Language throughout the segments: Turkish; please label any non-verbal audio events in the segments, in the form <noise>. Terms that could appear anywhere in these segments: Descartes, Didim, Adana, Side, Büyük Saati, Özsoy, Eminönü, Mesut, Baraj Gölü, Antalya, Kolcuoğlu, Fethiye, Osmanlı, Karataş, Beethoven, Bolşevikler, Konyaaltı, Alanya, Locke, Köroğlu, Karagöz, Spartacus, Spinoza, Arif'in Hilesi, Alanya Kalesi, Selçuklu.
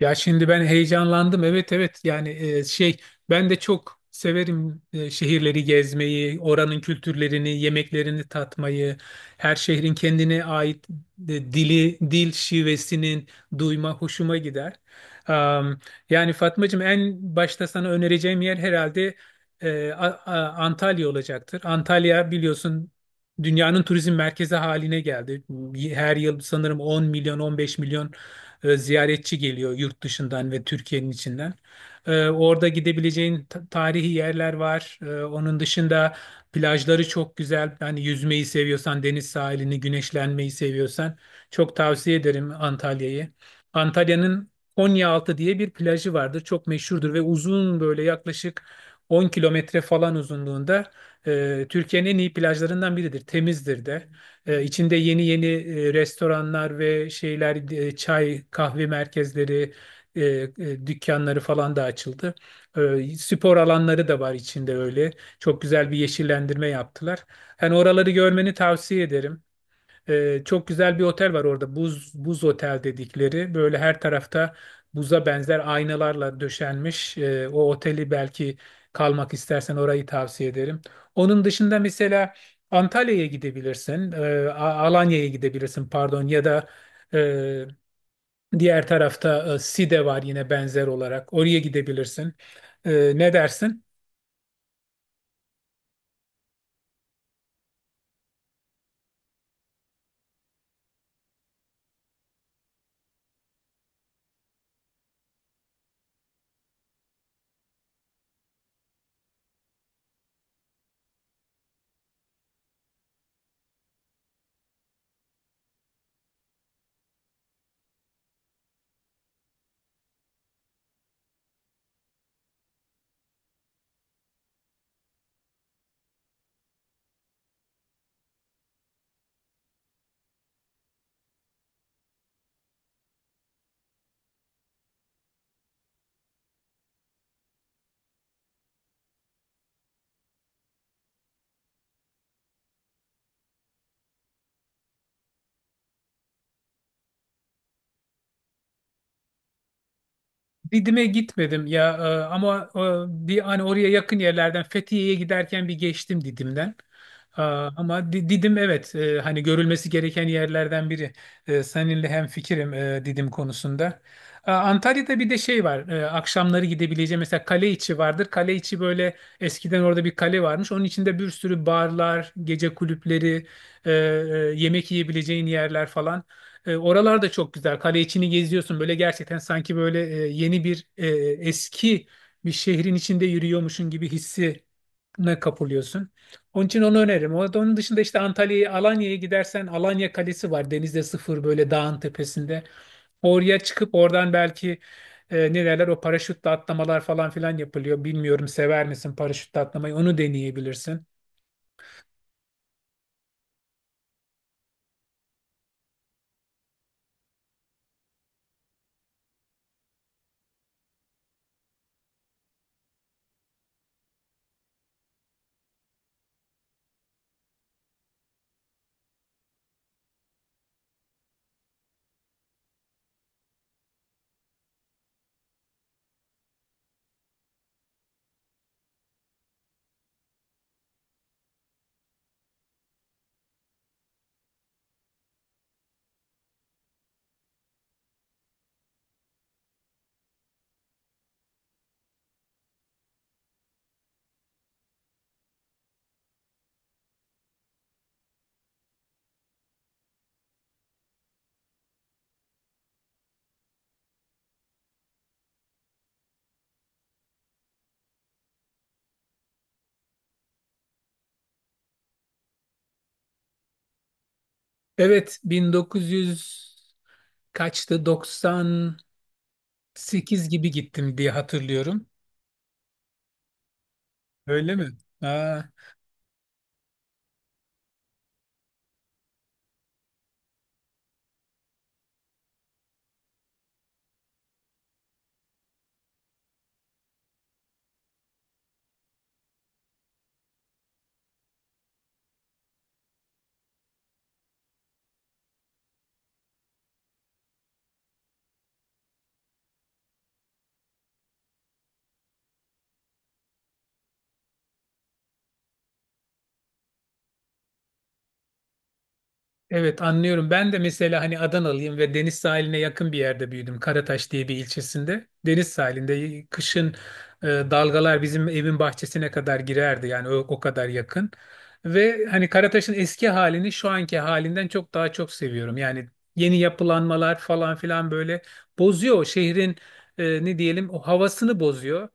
Ya şimdi ben heyecanlandım. Evet, evet, yani şey, ben de çok severim şehirleri gezmeyi, oranın kültürlerini, yemeklerini tatmayı, her şehrin kendine ait dili, dil şivesinin duyma hoşuma gider. Am, Yani Fatmacığım, en başta sana önereceğim yer herhalde Antalya olacaktır. Antalya biliyorsun dünyanın turizm merkezi haline geldi. Her yıl sanırım 10 milyon, 15 milyon ziyaretçi geliyor yurt dışından ve Türkiye'nin içinden. Orada gidebileceğin tarihi yerler var. Onun dışında plajları çok güzel. Yani yüzmeyi seviyorsan, deniz sahilini, güneşlenmeyi seviyorsan çok tavsiye ederim Antalya'yı. Antalya'nın Konyaaltı diye bir plajı vardır. Çok meşhurdur ve uzun böyle, yaklaşık 10 kilometre falan uzunluğunda, Türkiye'nin en iyi plajlarından biridir. Temizdir de. İçinde yeni yeni restoranlar ve şeyler, çay, kahve merkezleri, dükkanları falan da açıldı. Spor alanları da var içinde öyle. Çok güzel bir yeşillendirme yaptılar. Hani oraları görmeni tavsiye ederim. Çok güzel bir otel var orada, buz buz otel dedikleri. Böyle her tarafta buza benzer aynalarla döşenmiş. O oteli belki kalmak istersen, orayı tavsiye ederim. Onun dışında mesela Antalya'ya gidebilirsin. Alanya'ya gidebilirsin pardon, ya da e, diğer tarafta Side var yine benzer olarak. Oraya gidebilirsin. Ne dersin? Didim'e gitmedim ya, ama bir, hani oraya yakın yerlerden Fethiye'ye giderken bir geçtim Didim'den. Ama Didim, evet, hani görülmesi gereken yerlerden biri. Seninle hemfikirim Didim konusunda. Antalya'da bir de şey var. Akşamları gidebileceğim mesela, kale içi vardır. Kale içi böyle, eskiden orada bir kale varmış. Onun içinde bir sürü barlar, gece kulüpleri, yemek yiyebileceğin yerler falan. Oralar da çok güzel. Kale içini geziyorsun. Böyle gerçekten sanki böyle yeni bir eski bir şehrin içinde yürüyormuşsun gibi hissine kapılıyorsun. Onun için onu öneririm. Onun dışında işte, Antalya'ya, Alanya'ya gidersen Alanya Kalesi var. Denizde sıfır, böyle dağın tepesinde. Oraya çıkıp oradan belki ne derler, o paraşütle atlamalar falan filan yapılıyor. Bilmiyorum, sever misin paraşütle atlamayı? Onu deneyebilirsin. Evet, 1900 kaçtı? 90 sekiz gibi gittim diye hatırlıyorum. Öyle mi? Aa. Evet, anlıyorum. Ben de mesela hani Adanalıyım ve deniz sahiline yakın bir yerde büyüdüm. Karataş diye bir ilçesinde. Deniz sahilinde kışın dalgalar bizim evin bahçesine kadar girerdi. Yani o kadar yakın. Ve hani Karataş'ın eski halini şu anki halinden çok daha çok seviyorum. Yani yeni yapılanmalar falan filan böyle bozuyor o şehrin ne diyelim, o havasını bozuyor.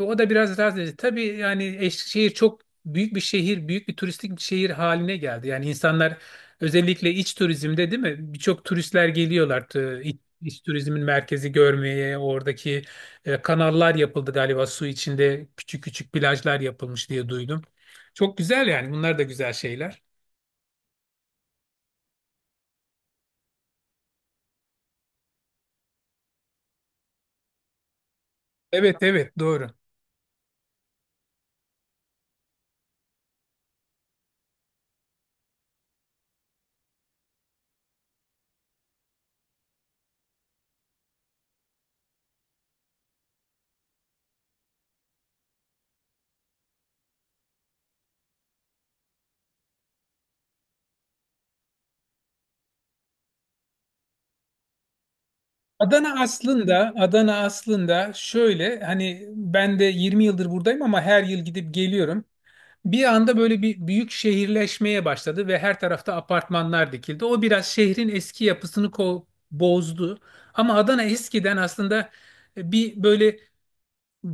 Ve o da biraz rahatsız edici. Tabii yani şehir çok büyük bir şehir, büyük bir turistik bir şehir haline geldi. Yani insanlar, özellikle iç turizmde değil mi? Birçok turistler geliyorlar, iç turizmin merkezi görmeye. Oradaki kanallar yapıldı galiba, su içinde küçük küçük plajlar yapılmış diye duydum. Çok güzel yani, bunlar da güzel şeyler. Evet, evet, doğru. Adana aslında, Adana aslında şöyle, hani ben de 20 yıldır buradayım ama her yıl gidip geliyorum. Bir anda böyle bir büyük şehirleşmeye başladı ve her tarafta apartmanlar dikildi. O biraz şehrin eski yapısını bozdu. Ama Adana eskiden aslında bir böyle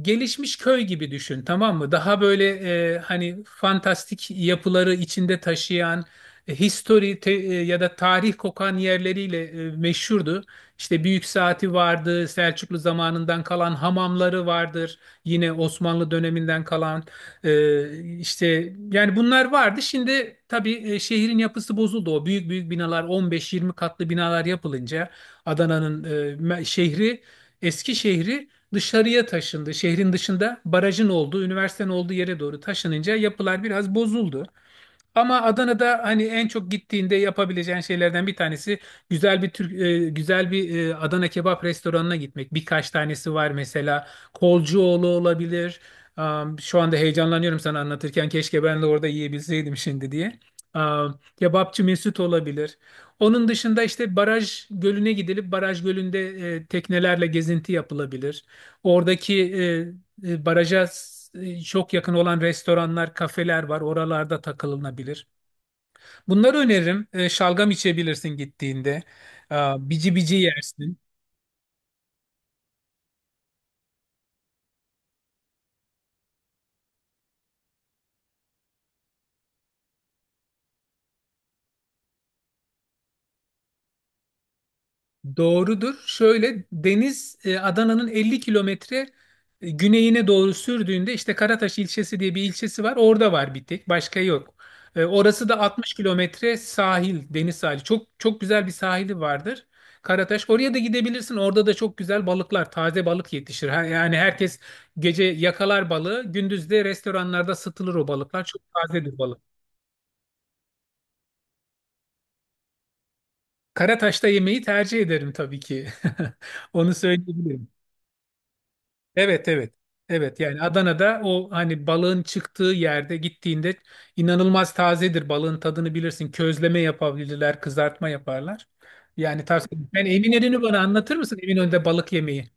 gelişmiş köy gibi düşün, tamam mı? Daha böyle hani fantastik yapıları içinde taşıyan, ya da tarih kokan yerleriyle meşhurdu. İşte Büyük Saati vardı, Selçuklu zamanından kalan hamamları vardır. Yine Osmanlı döneminden kalan işte yani bunlar vardı. Şimdi tabii şehrin yapısı bozuldu. O büyük büyük binalar, 15-20 katlı binalar yapılınca Adana'nın şehri, eski şehri dışarıya taşındı. Şehrin dışında barajın olduğu, üniversitenin olduğu yere doğru taşınınca yapılar biraz bozuldu. Ama Adana'da hani en çok gittiğinde yapabileceğin şeylerden bir tanesi güzel bir güzel bir Adana kebap restoranına gitmek. Birkaç tanesi var, mesela Kolcuoğlu olabilir. Şu anda heyecanlanıyorum sana anlatırken, keşke ben de orada yiyebilseydim şimdi diye. Kebapçı Mesut olabilir. Onun dışında işte Baraj Gölü'ne gidilip Baraj Gölü'nde teknelerle gezinti yapılabilir. Oradaki Baraja çok yakın olan restoranlar, kafeler var. Oralarda takılınabilir. Bunları öneririm. Şalgam içebilirsin gittiğinde. Aa, bici bici yersin. Doğrudur. Şöyle, deniz Adana'nın 50 kilometre güneyine doğru sürdüğünde işte Karataş ilçesi diye bir ilçesi var. Orada var bir tek, başka yok. Orası da 60 kilometre sahil, deniz sahili. Çok çok güzel bir sahili vardır. Karataş. Oraya da gidebilirsin. Orada da çok güzel balıklar, taze balık yetişir. Yani herkes gece yakalar balığı, gündüz de restoranlarda satılır o balıklar. Çok tazedir balık. Karataş'ta yemeği tercih ederim tabii ki. <laughs> Onu söyleyebilirim. Evet, evet. Evet yani Adana'da o hani balığın çıktığı yerde gittiğinde inanılmaz tazedir. Balığın tadını bilirsin. Közleme yapabilirler, kızartma yaparlar. Yani tavsiye ederim. Ben Eminönü'nü, bana anlatır mısın Eminönü'nde balık yemeği?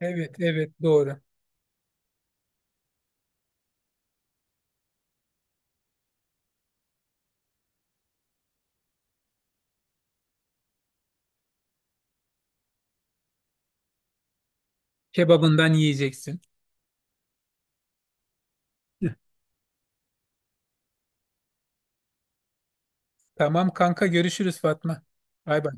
Evet, evet, doğru. Kebabından yiyeceksin. <laughs> Tamam kanka, görüşürüz Fatma. Bay bay.